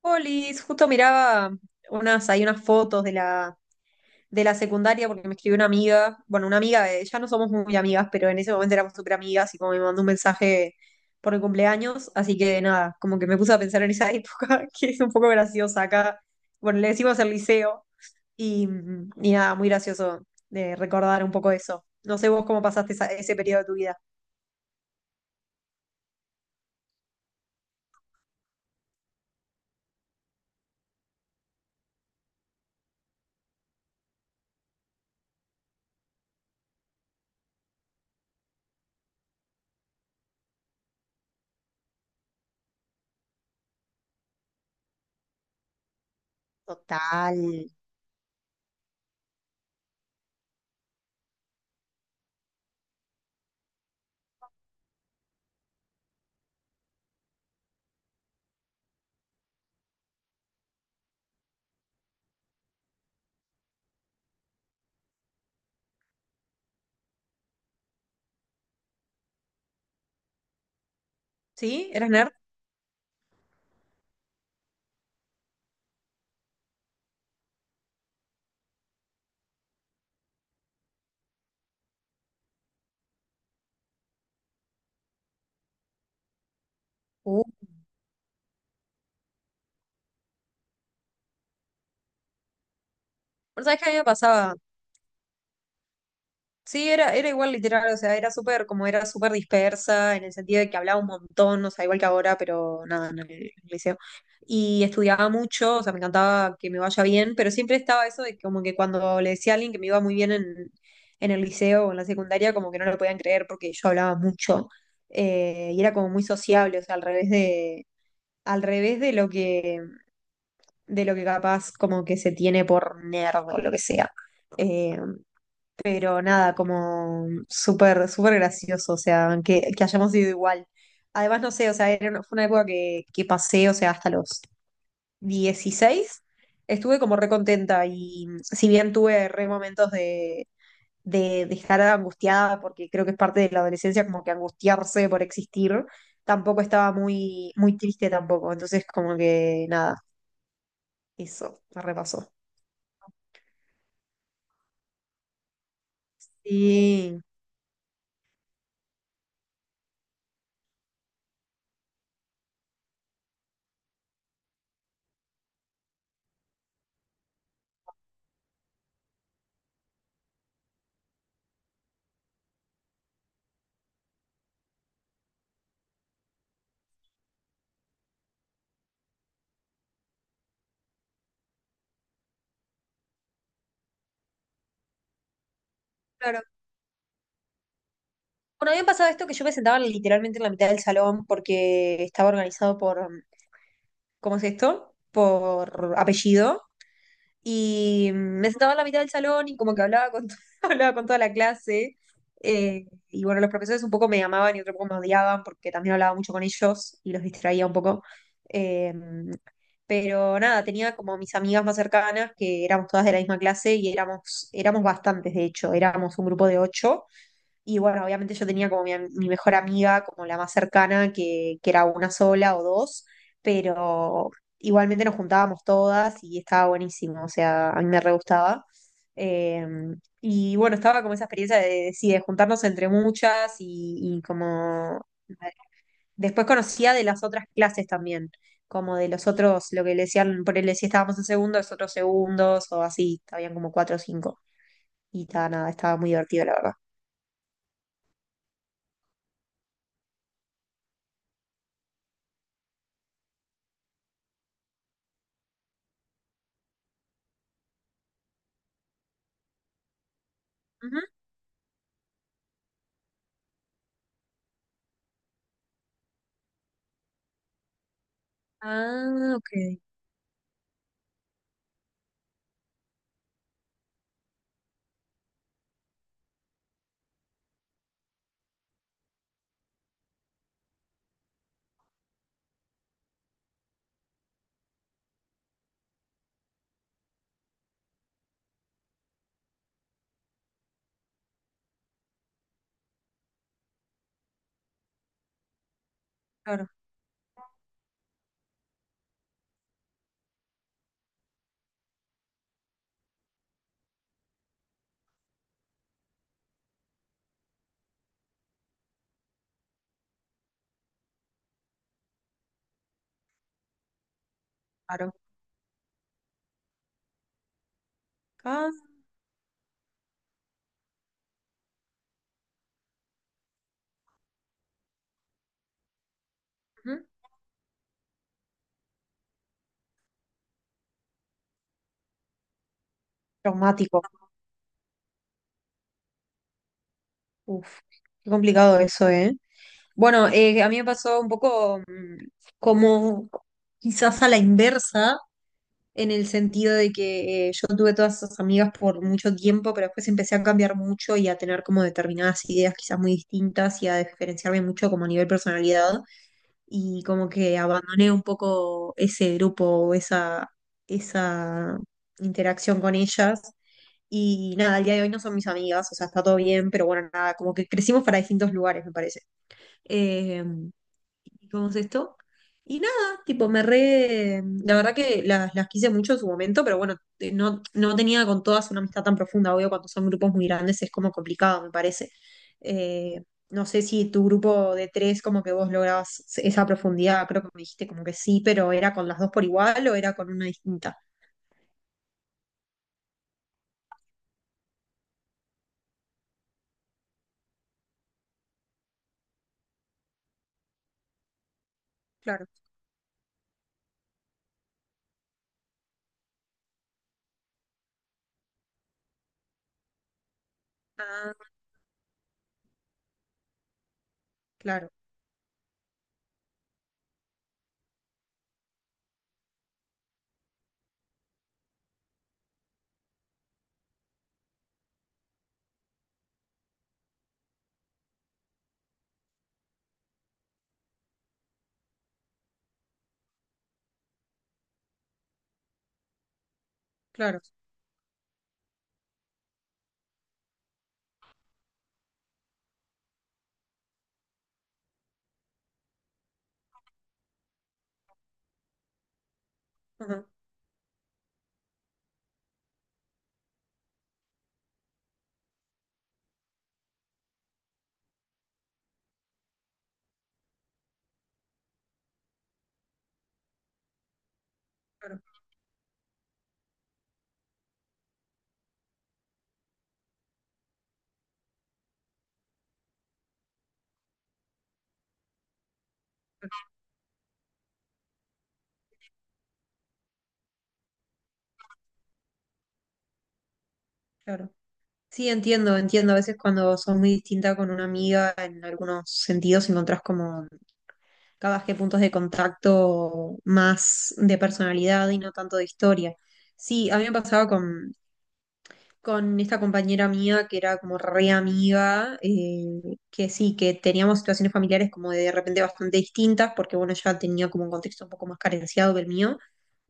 Polis, justo miraba unas, hay unas fotos de la secundaria porque me escribió una amiga, bueno, una amiga, ya no somos muy amigas, pero en ese momento éramos súper amigas y como me mandó un mensaje por el cumpleaños, así que nada, como que me puse a pensar en esa época, que es un poco graciosa acá, bueno, le decimos el liceo y, y nada, muy gracioso de recordar un poco eso. No sé vos cómo pasaste ese periodo de tu vida. ¿Sí? ¿Eras nerd? Uh. Bueno, sabés que a mí me pasaba. Sí, era igual literal, o sea, era súper, como era súper dispersa, en el sentido de que hablaba un montón, o sea, igual que ahora, pero nada, en el liceo. Y estudiaba mucho, o sea, me encantaba que me vaya bien, pero siempre estaba eso de que como que cuando le decía a alguien que me iba muy bien en el liceo o en la secundaria, como que no lo podían creer porque yo hablaba mucho, y era como muy sociable, o sea, al revés al revés de de lo que capaz como que se tiene por nerd o lo que sea. Eh, pero nada, como súper, súper gracioso, o sea, que hayamos ido igual. Además, no sé, o sea, fue una época que pasé, o sea, hasta los 16 estuve como re contenta y si bien tuve re momentos de estar angustiada, porque creo que es parte de la adolescencia como que angustiarse por existir, tampoco estaba muy, muy triste tampoco, entonces como que nada, eso, me repasó. Sí. Bueno, a mí me pasaba esto que yo me sentaba literalmente en la mitad del salón porque estaba organizado por, ¿cómo es esto? Por apellido. Y me sentaba en la mitad del salón y como que hablaba con, hablaba con toda la clase. Y bueno, los profesores un poco me amaban y otro poco me odiaban porque también hablaba mucho con ellos y los distraía un poco. Eh, pero nada, tenía como mis amigas más cercanas que éramos todas de la misma clase y éramos bastantes, de hecho, éramos un grupo de ocho. Y bueno, obviamente yo tenía como mi mejor amiga, como la más cercana, que era una sola o dos, pero igualmente nos juntábamos todas y estaba buenísimo, o sea, a mí me re gustaba. Eh, y bueno, estaba como esa experiencia sí, de juntarnos entre muchas y como... Después conocía de las otras clases también, como de los otros, lo que le decían, por él si estábamos en segundo, los otros segundos o así, habían como cuatro o cinco. Y estaba nada, estaba muy divertido, la verdad. Ah, ok, claro. Claro. Ah, ujú. Traumático. Uf, qué complicado eso, ¿eh? Bueno, a mí me pasó un poco mm, como quizás a la inversa, en el sentido de que yo tuve todas esas amigas por mucho tiempo, pero después empecé a cambiar mucho y a tener como determinadas ideas quizás muy distintas y a diferenciarme mucho como a nivel personalidad y como que abandoné un poco ese grupo, o esa interacción con ellas. Y nada, al día de hoy no son mis amigas, o sea, está todo bien, pero bueno, nada, como que crecimos para distintos lugares, me parece. Eh, ¿Y ¿cómo es esto? Y nada, tipo, me re... La verdad que las quise mucho en su momento, pero bueno, no, no tenía con todas una amistad tan profunda, obvio, cuando son grupos muy grandes es como complicado, me parece. Eh, no sé si tu grupo de tres, como que vos lograbas esa profundidad, creo que me dijiste como que sí, pero ¿era con las dos por igual o era con una distinta? Claro. Ah, claro, claro. Ajá, claro. Claro. Sí, entiendo, entiendo. A veces cuando sos muy distinta con una amiga, en algunos sentidos encontrás como cada que puntos de contacto más de personalidad y no tanto de historia. Sí, a mí me pasaba con esta compañera mía que era como re amiga, que sí, que teníamos situaciones familiares como de repente bastante distintas, porque bueno, ella tenía como un contexto un poco más carenciado que el mío,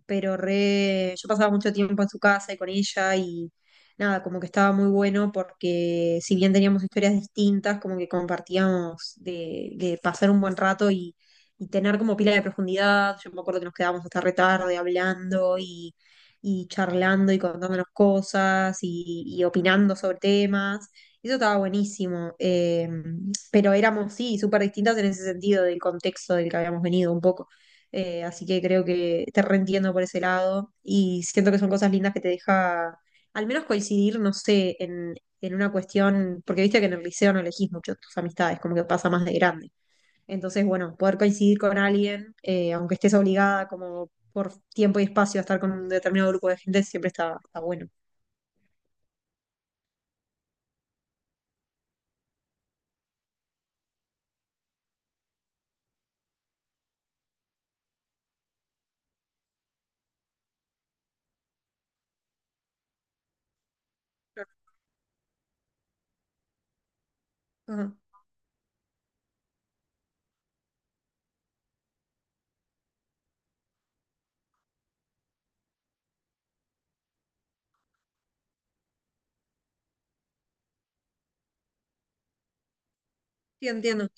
pero re, yo pasaba mucho tiempo en su casa y con ella y nada, como que estaba muy bueno porque si bien teníamos historias distintas, como que compartíamos de pasar un buen rato y tener como pila de profundidad. Yo me acuerdo que nos quedábamos hasta re tarde hablando y charlando y contándonos cosas y opinando sobre temas. Y eso estaba buenísimo, pero éramos, sí, súper distintas en ese sentido del contexto del que habíamos venido un poco. Así que creo que te reentiendo por ese lado y siento que son cosas lindas que te deja al menos coincidir, no sé, en una cuestión, porque viste que en el liceo no elegís mucho tus amistades, como que pasa más de grande. Entonces, bueno, poder coincidir con alguien, aunque estés obligada como por tiempo y espacio a estar con un determinado grupo de gente, siempre está, está bueno. Claro. Ajá. Sí, entiendo.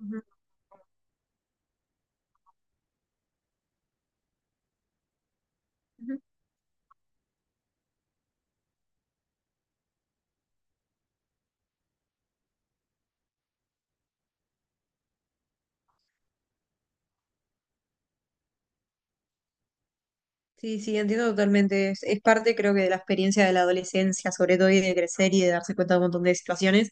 Ujú, ujú. Sí, sí, entiendo totalmente. Es parte, creo que, de la experiencia de la adolescencia, sobre todo, y de crecer y de darse cuenta de un montón de situaciones.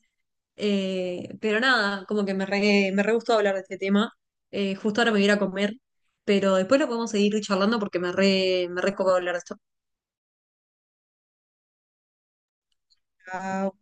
Pero nada, como que me re gustó hablar de este tema. Justo ahora me voy a ir a comer, pero después lo podemos seguir charlando porque me re copó hablar de esto. Chao.